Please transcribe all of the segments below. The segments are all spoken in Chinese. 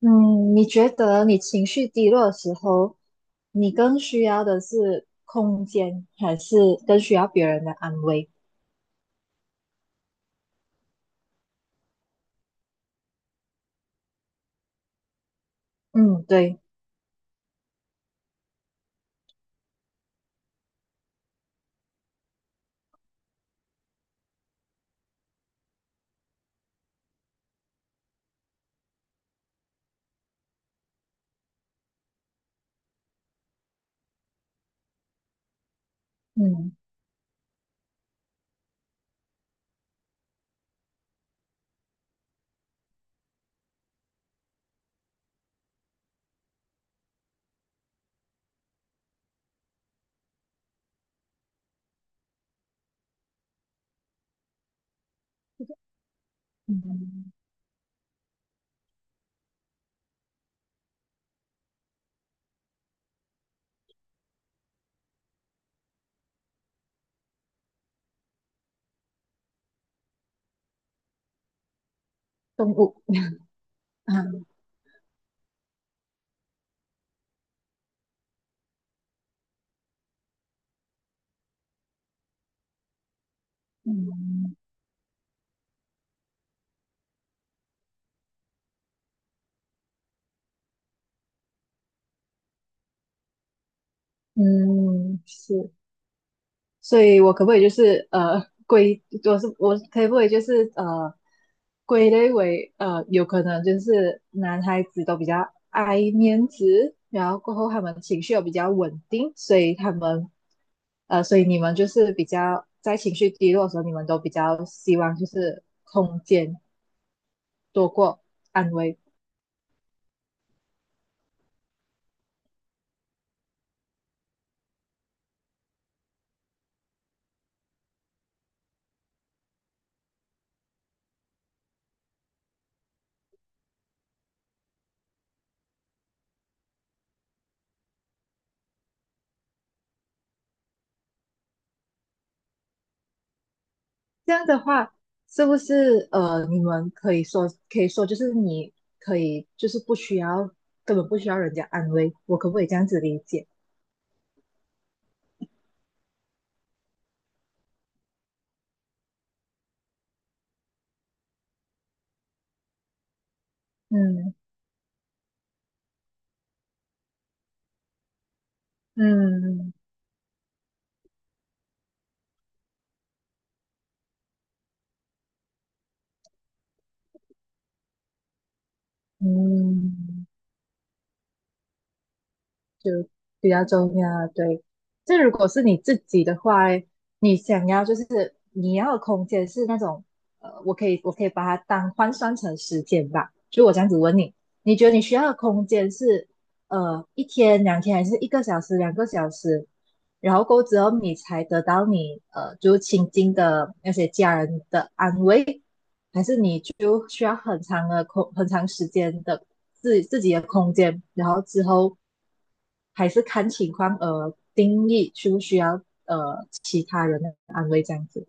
嗯，你觉得你情绪低落的时候，你更需要的是空间，还是更需要别人的安慰？嗯，对。嗯嗯，动物啊，嗯是。所以我可不可以就是呃归，我是我可不可以就是呃归类为有可能就是男孩子都比较爱面子，然后过后他们情绪又比较稳定，所以他们所以你们就是比较在情绪低落的时候，你们都比较希望就是空间多过安慰。这样的话，是不是，你们可以说，就是你可以就是不需要，根本不需要人家安慰，我可不可以这样子理解？嗯嗯嗯。比较重要啊。对，这如果是你自己的话，你想要就是你要的空间是那种，我可以把它当换算成时间吧。就我这样子问你，你觉得你需要的空间是一天、两天，还是一个小时、两个小时？然后过后之后，你才得到你就是亲近的那些家人的安慰，就需要很长的空，很长时间的自己的空间，然后之后还是看情况而定义需不需要其他人的安慰这样子。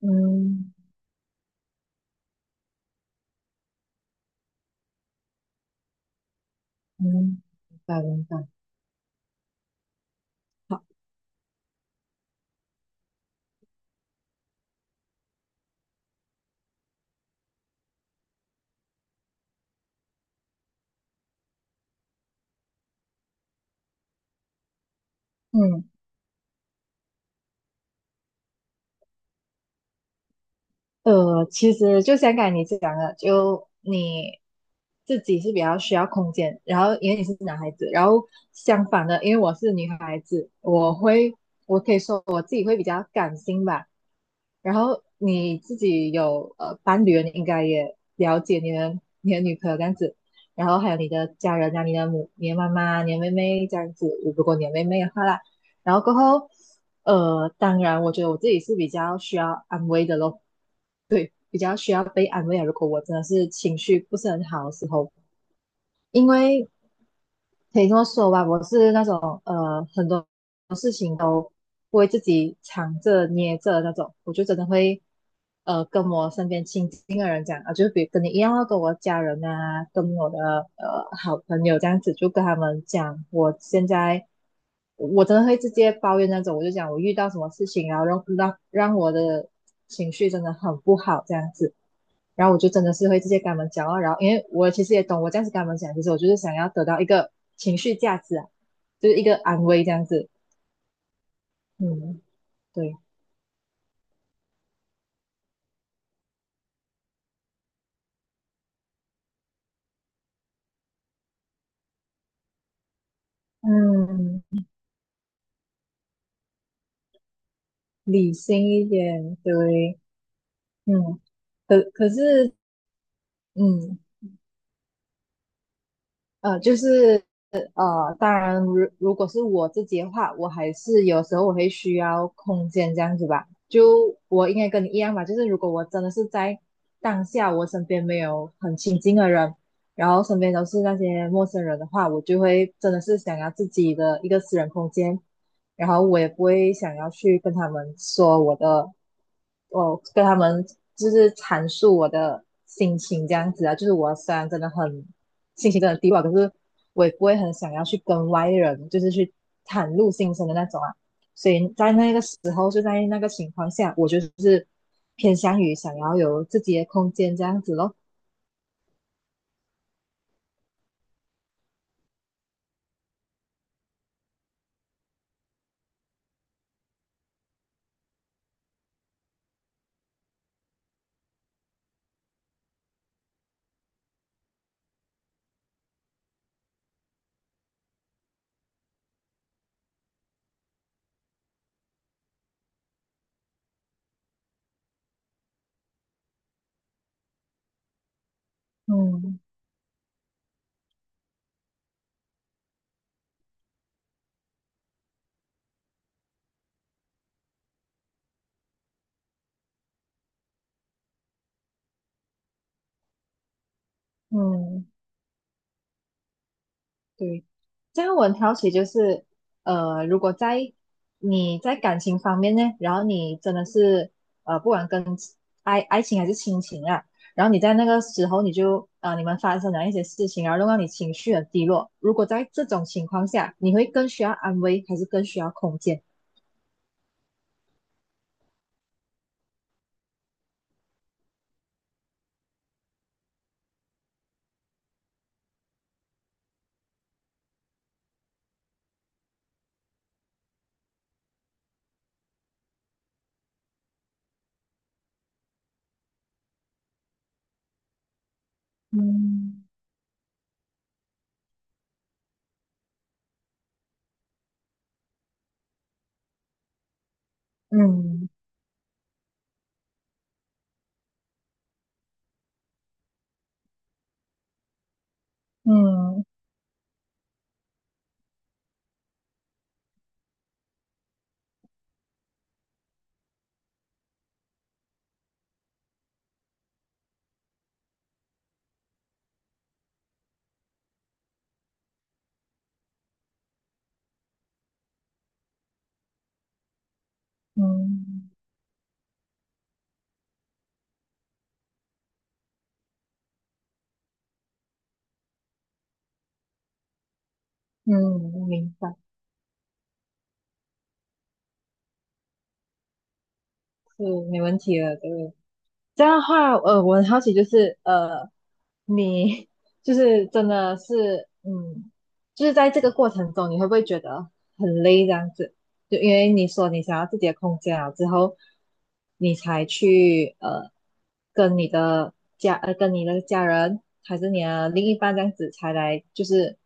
嗯嗯，明白明白。好。嗯，其实就像刚才你讲的，就你自己是比较需要空间，然后因为你是男孩子，然后相反的，因为我是女孩子，我会，我可以说我自己会比较感性吧。然后你自己有伴侣了，你应该也了解你的女朋友这样子，然后还有你的家人啊，你的母、你的妈妈、你的妹妹这样子，如果你的妹妹的话啦，然后过后，当然，我觉得我自己是比较需要安慰的咯，对，比较需要被安慰啊。如果我真的是情绪不是很好的时候，因为可以这么说吧，我是那种很多事情都不会自己藏着捏着的那种，我就真的会跟我身边亲近的人讲啊，就比如跟你一样啊，跟我家人啊，跟我的好朋友这样子，就跟他们讲我现在我真的会直接抱怨那种，我就讲我遇到什么事情，然后让我的情绪真的很不好这样子。然后我就真的是会直接跟他们讲哦，然后因为我其实也懂，我这样子跟他们讲，其实我就是想要得到一个情绪价值啊，就是一个安慰这样子。嗯，对。嗯，理性一点，对。嗯，可可是，嗯，呃，就是当然如果是我自己的话，我还是有时候我会需要空间这样子吧。就我应该跟你一样吧，就是如果我真的是在当下，我身边没有很亲近的人，然后身边都是那些陌生人的话，我就会真的是想要自己的一个私人空间。然后我也不会想要去跟他们说我的，我跟他们就是阐述我的心情这样子啊，就是我虽然真的很心情真的低落，可是我也不会很想要去跟外人就是去袒露心声的那种啊，所以在那个时候就在那个情况下，我就是偏向于想要有自己的空间这样子咯。嗯嗯，对。这样我很好奇，就是如果在你在感情方面呢，然后你真的是不管跟爱情还是亲情啊，然后你在那个时候你就你们发生了一些事情，然后弄到你情绪很低落。如果在这种情况下，你会更需要安慰，还是更需要空间？嗯嗯嗯嗯嗯，我明白，是没问题的，对。这样的话，我很好奇，就是你就是真的是，嗯，就是在这个过程中，你会不会觉得很累这样子？就因为你说你想要自己的空间了之后，你才去跟你的跟你的家人还是你的另一半这样子才来就是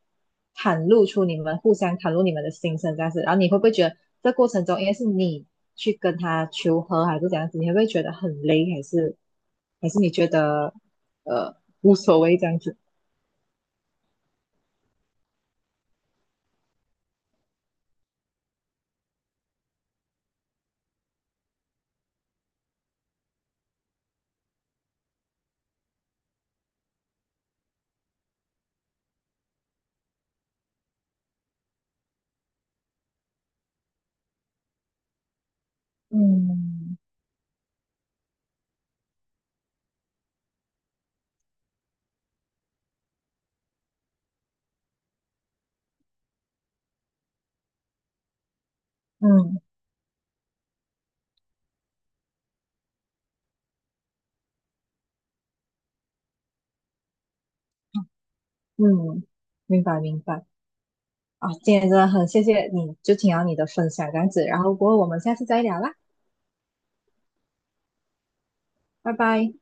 袒露出你们互相袒露你们的心声这样子，然后你会不会觉得这过程中应该是你去跟他求和还是怎样子，你会不会觉得很累，还是你觉得呃无所谓这样子？嗯嗯嗯，明白明白。啊，今天真的很谢谢你，就听到你的分享这样子，然后不过后我们下次再聊啦，拜拜。